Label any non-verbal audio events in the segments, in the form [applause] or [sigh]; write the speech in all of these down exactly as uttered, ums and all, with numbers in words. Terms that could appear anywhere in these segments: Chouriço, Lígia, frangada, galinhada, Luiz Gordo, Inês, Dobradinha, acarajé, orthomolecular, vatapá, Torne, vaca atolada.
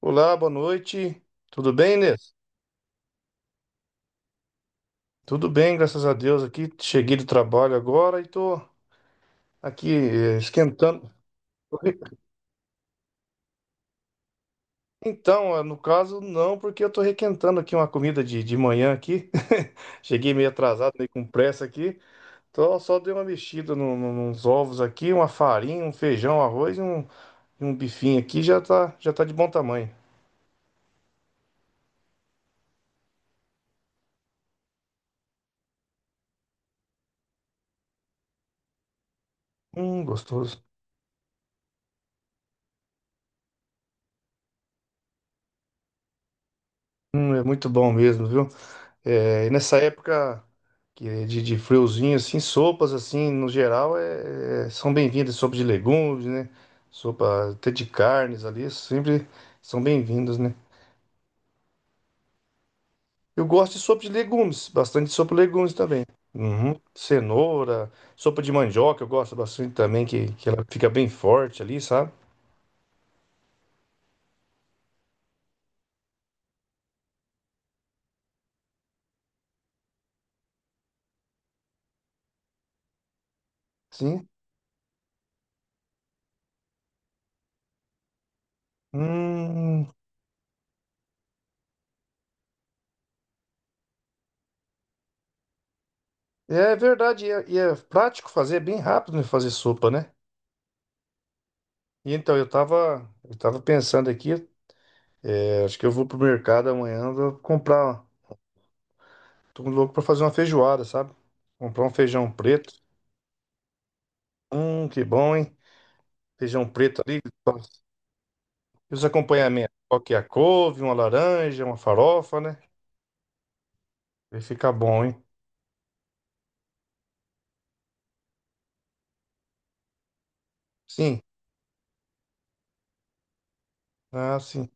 Olá, boa noite. Tudo bem, Inês? Tudo bem, graças a Deus. Aqui cheguei do trabalho agora e tô aqui eh, esquentando. Tô re- Então, eh, no caso, não, porque eu tô requentando aqui uma comida de, de manhã aqui. [laughs] Cheguei meio atrasado, meio com pressa aqui. Então, só dei uma mexida no, no- nos ovos aqui, uma farinha, um feijão, arroz e um, e um bifinho aqui, já tá, já tá de bom tamanho. Hum, gostoso. Hum, é muito bom mesmo, viu? É, e nessa época que é de, de friozinho, assim, sopas, assim, no geral, é, é- são bem-vindas. Sopa de legumes, né? Sopa até de carnes ali, sempre são bem-vindas, né? Eu gosto de sopa de legumes, bastante sopa de legumes também. Uhum. Cenoura, sopa de mandioca, eu gosto bastante também, que, que ela fica bem forte ali, sabe? Sim. Hum, é verdade, e é, e é prático fazer, é bem rápido, né, fazer sopa, né? E então, eu tava, eu tava pensando aqui. É, acho que eu vou pro mercado amanhã, vou comprar. Tô louco pra fazer uma feijoada, sabe? Comprar um feijão preto. Hum, que bom, hein? Feijão preto ali. E os acompanhamentos? Qual que é a couve, uma laranja, uma farofa, né? Vai ficar bom, hein? Sim. Ah, sim.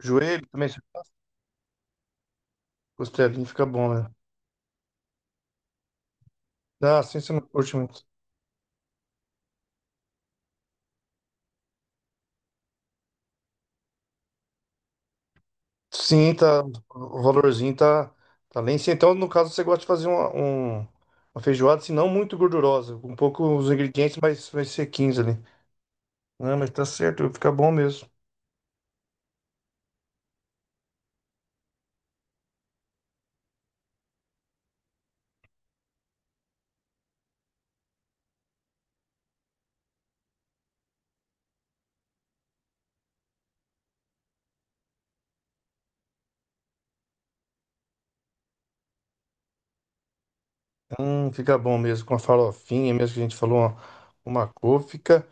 Joelho também. Você faz? Costelinha fica bom, né? Ah, sim, você não curte muito. Sim, tá. O valorzinho tá, tá lá em cima. Então, no caso, você gosta de fazer uma, um- uma feijoada, se não muito gordurosa, com um pouco os ingredientes mais, mais sequinhos ali. Não, mas tá certo, fica bom mesmo. Hum, fica bom mesmo, com a farofinha mesmo que a gente falou, uma, uma couve, fica,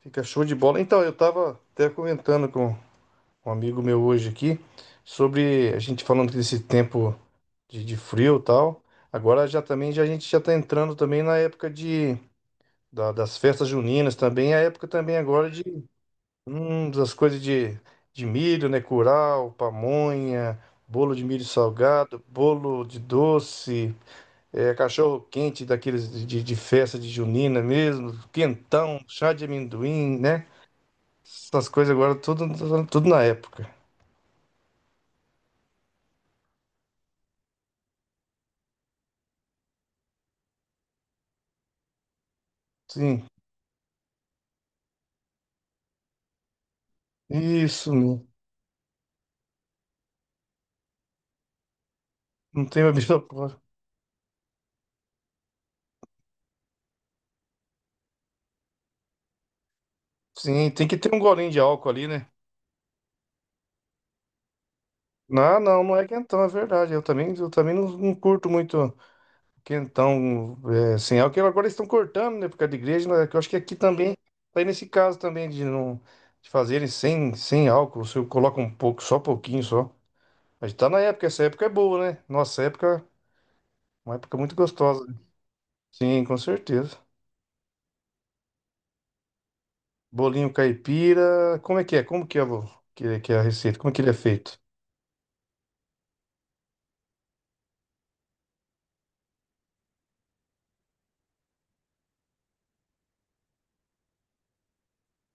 fica show de bola. Então, eu tava até comentando com um amigo meu hoje aqui, sobre a gente falando desse tempo de, de frio e tal. Agora já também, já, a gente já tá entrando também na época de, da- das festas juninas também, a época também agora de, hum, das coisas de, de milho, né, curau, pamonha, bolo de milho salgado, bolo de doce. É, cachorro quente daqueles de, de- festa de junina mesmo, quentão, chá de amendoim, né? Essas coisas agora tudo, tudo na época. Sim, isso mesmo. Não tem bebida alcoólica. Sim, tem que ter um golinho de álcool ali, né? Não, não, não é quentão, é verdade. Eu também, eu também não, não curto muito quentão é, sem álcool. Agora eles estão cortando, né? Por causa da igreja, né? Que eu acho que aqui também, tá aí nesse caso também de não de fazerem sem, sem álcool. Você coloca um pouco, só pouquinho só. A gente tá na época, essa época é boa, né? Nossa época, uma época muito gostosa. Sim, com certeza. Bolinho caipira, como é que é? Como que é, vô? Que, é, que é a receita? Como é que ele é feito?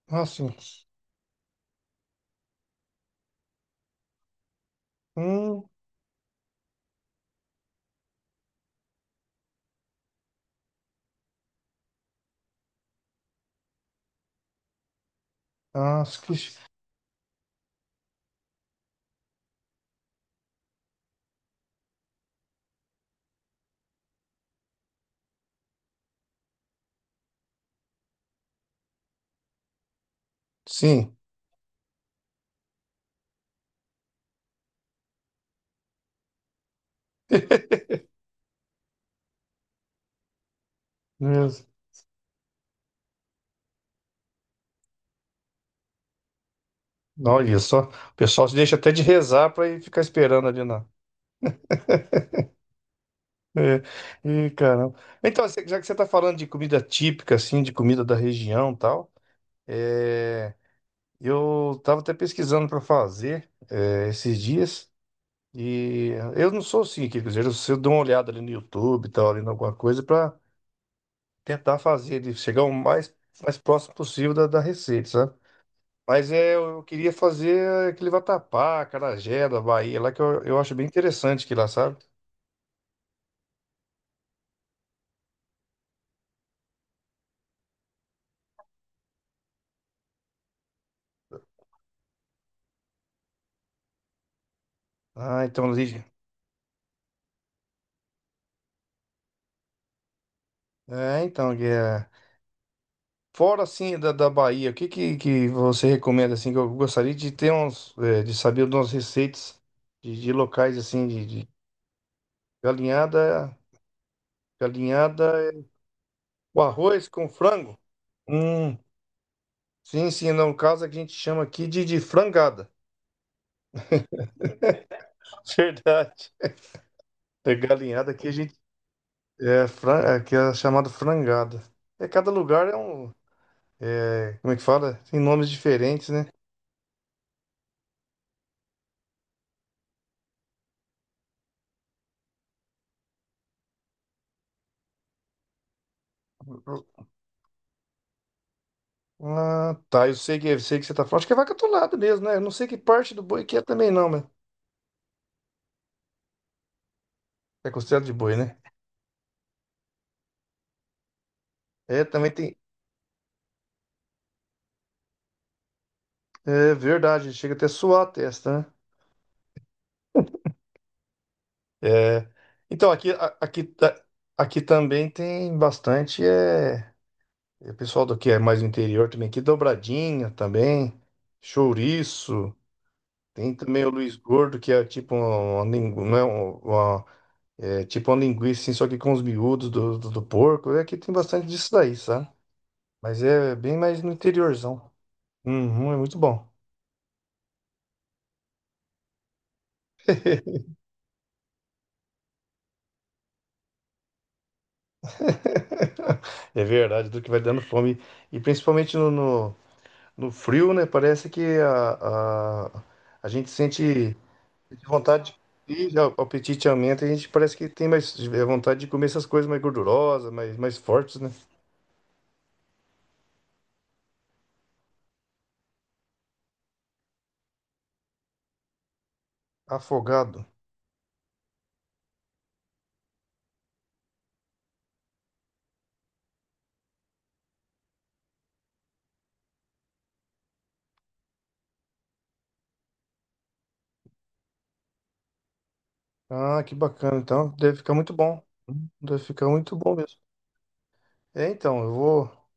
Ah, sim. Hum, ah, esqueci. Sim. [laughs] Beleza. Olha só, o pessoal se deixa até de rezar pra ir ficar esperando ali na. É, e caramba. Então, cê- já que você tá falando de comida típica, assim, de comida da região e tal, é, eu tava até pesquisando pra fazer é, esses dias. E eu não sou assim, quer dizer, eu eu dou uma olhada ali no YouTube, e tal, ali em alguma coisa para tentar fazer, de chegar o mais, mais próximo possível da, da receita, sabe? Mas é, eu queria fazer aquele vatapá, acarajé da Bahia, lá que eu, eu acho bem interessante que lá, sabe? Ah, então, Lígia. É, então, que é. Fora assim da, da Bahia, o que, que, que você recomenda assim que eu gostaria de ter uns, é, de saber umas receitas de, de locais assim de, de galinhada, galinhada. O arroz com frango? Hum, sim, sim, não. No caso a gente chama aqui de, de frangada. [laughs] Verdade. É galinhada aqui a gente. É, fran... aqui é chamado frangada. É, cada lugar é um. É, como é que fala? Tem nomes diferentes, né? Ah, tá. Eu sei que, eu sei que você tá falando. Acho que é vaca atolada mesmo, né? Eu não sei que parte do boi que é também, não, mas é considerado de boi, né? É, também tem. É verdade, chega até a suar a testa, né? É. Então, aqui, a- aqui, ta- aqui também tem bastante. É. E o pessoal do que é mais do interior também, aqui dobradinha também, chouriço, tem também o Luiz Gordo, que é tipo uma, lingu- não é um- uma, é tipo uma linguiça, assim, só que com os miúdos do, do, do porco. E aqui tem bastante disso daí, sabe? Mas é bem mais no interiorzão. Uhum, é muito bom. [laughs] É verdade, do que vai dando fome. E principalmente no, no, no frio, né? Parece que a, a, a gente sente. De vontade de ir, já, o apetite aumenta e a gente parece que tem mais é, vontade de comer essas coisas mais gordurosas, mais, mais fortes, né? Afogado. Ah, que bacana. Então, deve ficar muito bom. Hum, Deve ficar muito bom mesmo. É, então, eu vou,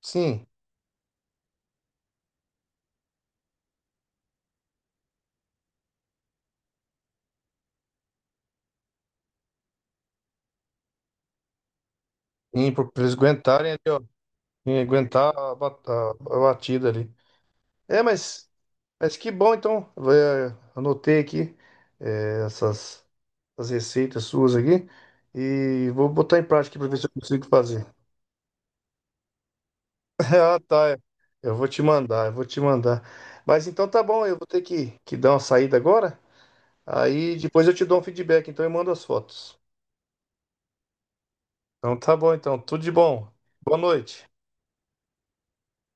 sim, ir pro- pra eles aguentarem ali, ó. E aguentar a, ba- a- a batida ali. É, mas, mas que bom, então. Vai, é, anotei aqui é, essas, essas receitas suas aqui e vou botar em prática para ver se eu consigo fazer. [laughs] Ah, tá. Eu vou te mandar, eu vou te mandar. Mas então tá bom, eu vou ter que, que dar uma saída agora. Aí depois eu te dou um feedback, então eu mando as fotos. Então tá bom, então. Tudo de bom. Boa noite.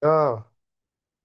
Tchau.